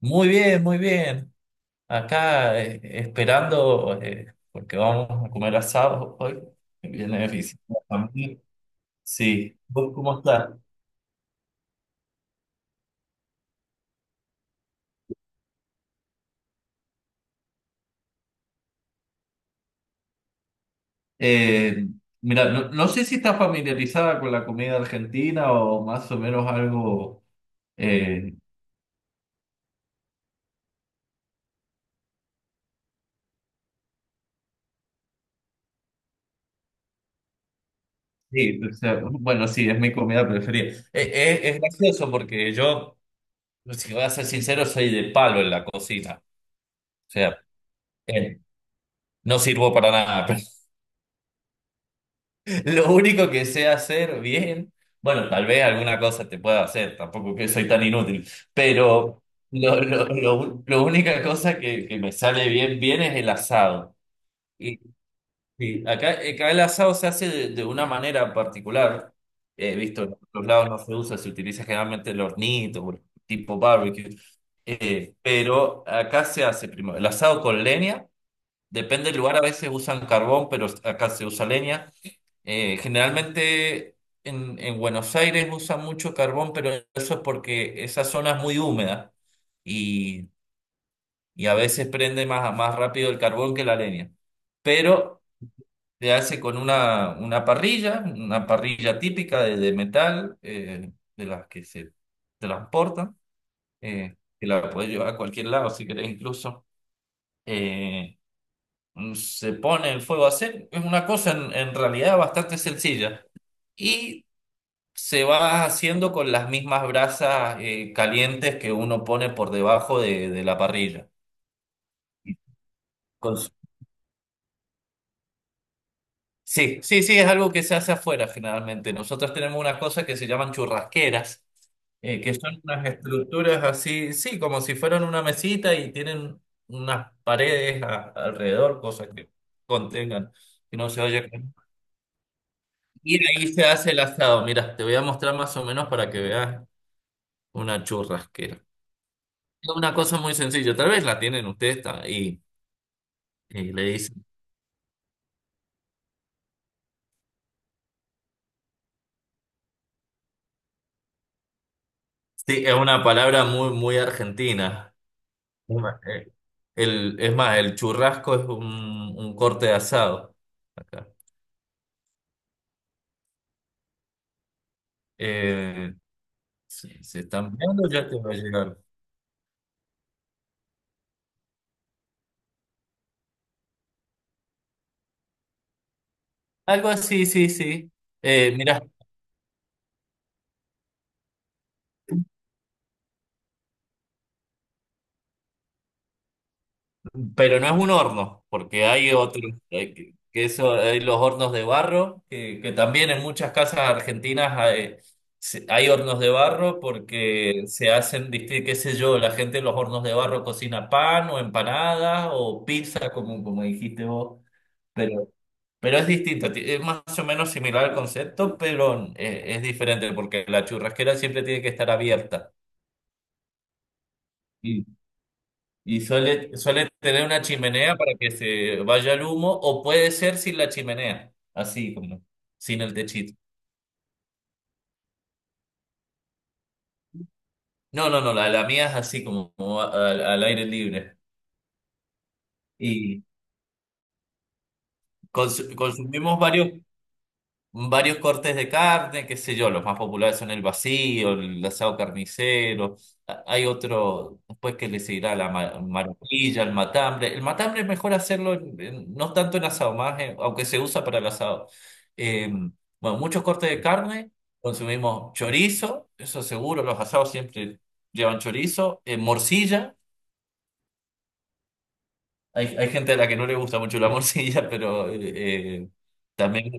Muy bien, muy bien. Acá, esperando, porque vamos a comer asado hoy. Viene visitar familia. Sí, ¿vos cómo estás? Eh, Mira, no, no sé si estás familiarizada con la comida argentina o más o menos algo. eh, sí, o sea, bueno, sí, es mi comida preferida. Es gracioso porque yo, si voy a ser sincero, soy de palo en la cocina. O sea, eh, no sirvo para nada. Lo único que sé hacer bien, bueno, tal vez alguna cosa te pueda hacer, tampoco que soy tan inútil, pero lo única cosa que me sale bien, bien es el asado. Y, y acá el asado se hace de una manera particular. He visto en otros lados no se usa, se utiliza generalmente el hornito, o el tipo barbecue. Pero acá se hace primero el asado con leña, depende del lugar, a veces usan carbón, pero acá se usa leña. Generalmente en Buenos Aires usan mucho carbón, pero eso es porque esa zona es muy húmeda y, a veces prende más rápido el carbón que la leña. Pero se hace con una parrilla, una parrilla típica de metal, de las que se transportan, que la puedes llevar a cualquier lado si querés incluso. Eh, Se pone el fuego a hacer, es una cosa en realidad bastante sencilla. Y se va haciendo con las mismas brasas calientes que uno pone por debajo de la parrilla. Con su- Sí, sí, sí, es algo que se hace afuera generalmente. Nosotros tenemos una cosa que se llaman churrasqueras, que son unas estructuras así, sí, como si fueran una mesita y tienen unas paredes alrededor, cosas que contengan, que no se oye. Y ahí se hace el asado. Mira, te voy a mostrar más o menos para que veas una churrasquera. Es una cosa muy sencilla, tal vez la tienen ustedes y le dicen. Sí, es una palabra muy, muy argentina. Es más, eh, es más, el churrasco es un corte de asado. Acá. Eh, se están viendo, ya te va a llegar. Algo así, sí, sí. Mira, pero no es un horno, porque hay otros, que eso, hay los hornos de barro, que también en muchas casas argentinas hay, hay hornos de barro porque se hacen, diste qué sé yo, la gente en los hornos de barro cocina pan o empanadas o pizza, como dijiste vos, pero, pero es distinto, es más o menos similar al concepto, pero es diferente porque la churrasquera siempre tiene que estar abierta. Y suele tener una chimenea para que se vaya el humo, o puede ser sin la chimenea, así como, sin el techito. No, no, no, la mía es así como, al aire libre. Y consumimos varios. Varios cortes de carne, qué sé yo, los más populares son el vacío, el asado carnicero, hay otro, después que le seguirá la maracuyá, el matambre. El matambre es mejor hacerlo, no tanto en asado, más aunque se usa para el asado. Eh, bueno, muchos cortes de carne, consumimos chorizo, eso seguro, los asados siempre llevan chorizo, morcilla, hay gente a la que no le gusta mucho la morcilla. Pero también...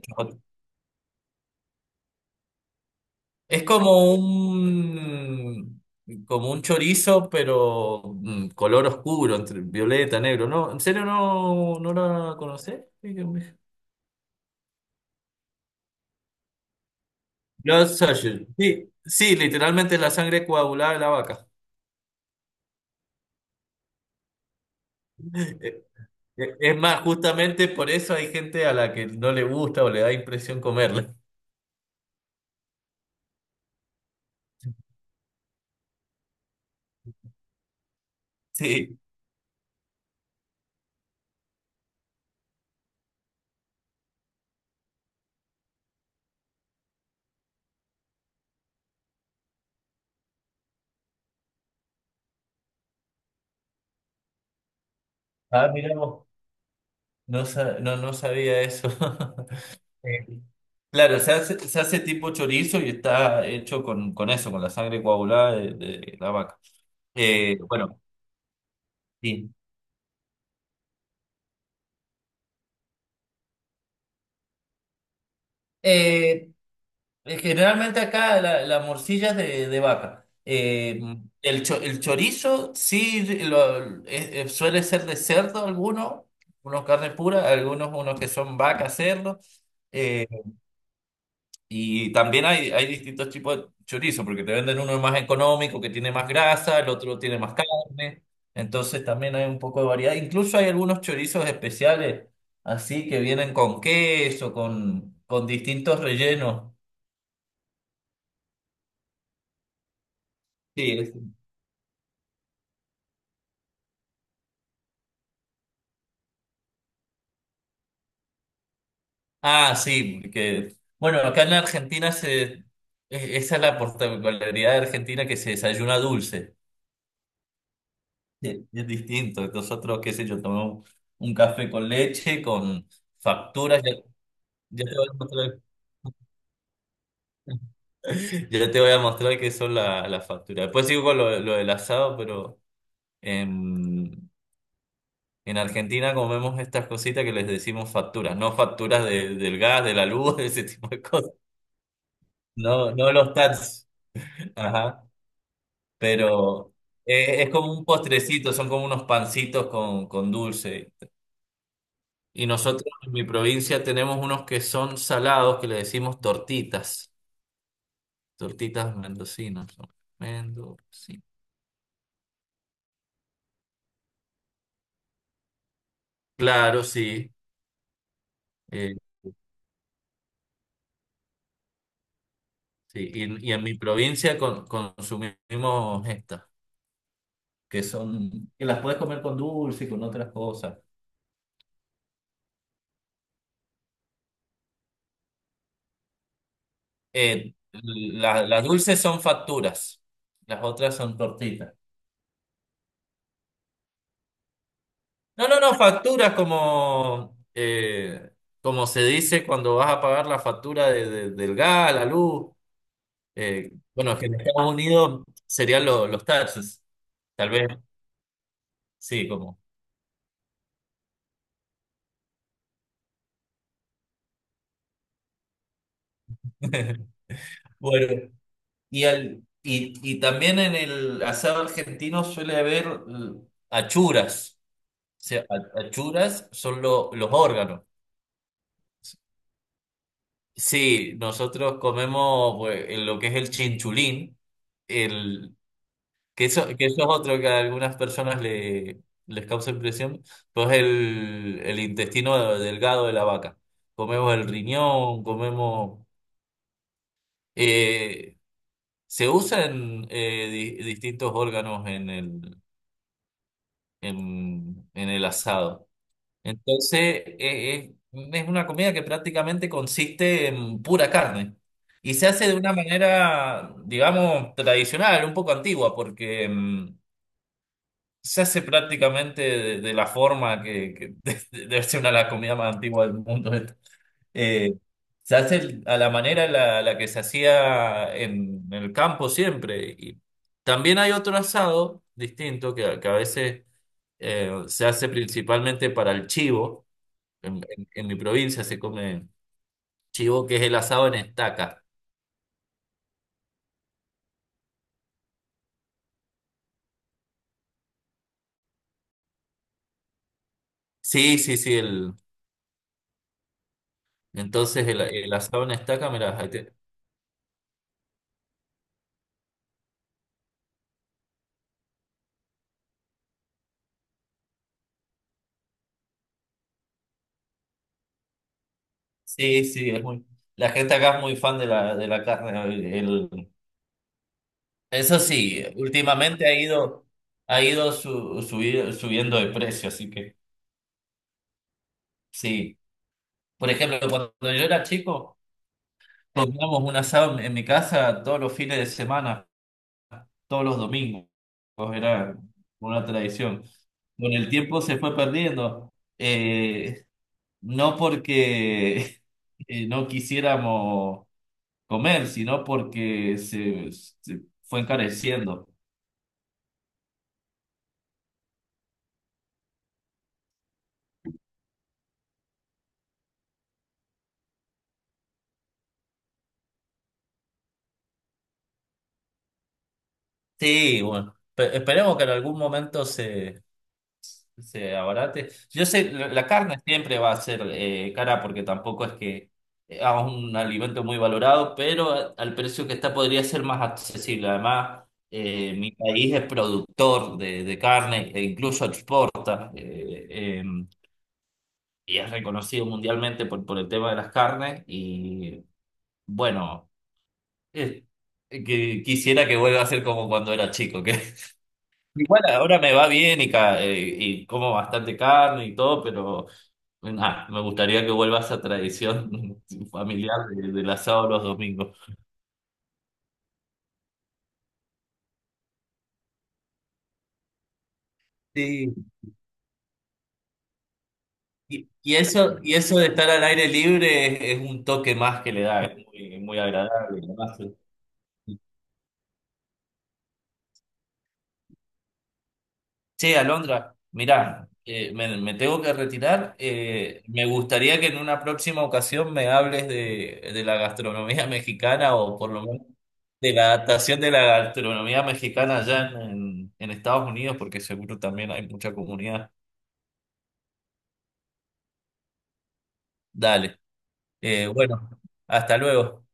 Es como un chorizo, pero color oscuro, entre violeta, negro. No, ¿en serio no, no la conocés? Dígame. Blood sausage. Sí, sí, literalmente la sangre coagulada de la vaca. Eh, Es más, justamente por eso hay gente a la que no le gusta o le da impresión comerla. Sí. Ah, mira vos. No, no, no sabía eso. Claro, se hace tipo chorizo y está hecho con, eso, con la sangre coagulada de la vaca. Bueno, sí. Eh, generalmente acá la morcilla es de vaca. El chorizo sí suele ser de cerdo algunos, unos carne pura, algunos unos que son vaca, cerdo. Eh, Y también hay distintos tipos de chorizo, porque te venden uno más económico, que tiene más grasa, el otro tiene más carne. Entonces también hay un poco de variedad. Incluso hay algunos chorizos especiales, así que vienen con queso, con distintos rellenos. Sí. Ah, sí, que bueno, acá en la Argentina esa es la particularidad de Argentina que se desayuna dulce. Sí, es distinto. Nosotros, qué sé yo, tomamos un café con leche, con facturas. Ya te voy a mostrar, ya te voy a mostrar qué son las facturas. Después sigo con lo del asado, pero en, en Argentina comemos estas cositas que les decimos facturas, no facturas del gas, de la luz, de ese tipo de cosas. No, no los tats. Ajá. Pero es como un postrecito, son como unos pancitos con dulce. Y nosotros en mi provincia tenemos unos que son salados que le decimos tortitas. Tortitas mendocinas son. Mendocinas. Claro, sí. Eh, sí, y en mi provincia consumimos estas, que son, que las puedes comer con dulce y con otras cosas. La- las dulces son facturas, las otras son tortitas. No, no, no, facturas como, como se dice cuando vas a pagar la factura del gas, la luz. Bueno, que en Estados Unidos serían los taxes, tal vez, sí, como. Bueno. Y también en el asado argentino suele haber achuras. O sea, achuras son los órganos. Sí, nosotros comemos pues, en lo que es el chinchulín, el, que eso es otro que a algunas personas les causa impresión, pues el intestino delgado de la vaca. Comemos el riñón, comemos... eh, se usan distintos órganos en el asado. Entonces, es una comida que prácticamente consiste en pura carne y se hace de una manera, digamos, tradicional, un poco antigua, porque se hace prácticamente de la forma que debe ser una de las comidas más antiguas del mundo, esta. Eh, Se hace a la manera en la que se hacía en, el campo siempre. Y también hay otro asado distinto que a veces se hace principalmente para el chivo. En en- mi provincia se come chivo, que es el asado en estaca. Sí, sí, sí, entonces el asado en estaca, mira, ahí sí, sí, la gente acá es muy fan de la carne. El- Eso sí, últimamente ha ido subiendo de precio, así que sí. Por ejemplo, cuando yo era chico, comíamos un asado en mi casa todos los fines de semana, todos los domingos. Era una tradición. Con el tiempo se fue perdiendo, eh, no porque no quisiéramos comer, sino porque se fue encareciendo. Sí, bueno, esperemos que en algún momento se abarate. Yo sé, la carne siempre va a ser cara porque tampoco es que es un alimento muy valorado, pero al precio que está podría ser más accesible. Además, mi país es productor de carne e incluso exporta. Y es reconocido mundialmente por el tema de las carnes y bueno, eh, que quisiera que vuelva a ser como cuando era chico, que igual ahora me va bien y, y como bastante carne y todo, pero... Ah, me gustaría que vuelva esa tradición familiar del asado los domingos. Sí, y eso de estar al aire libre es un toque más que le da, es muy, muy agradable. Además. Che, Alondra, mirá, me tengo que retirar. Me gustaría que en una próxima ocasión me hables de la gastronomía mexicana o por lo menos de la adaptación de la gastronomía mexicana allá en Estados Unidos, porque seguro también hay mucha comunidad. Dale. Bueno, hasta luego.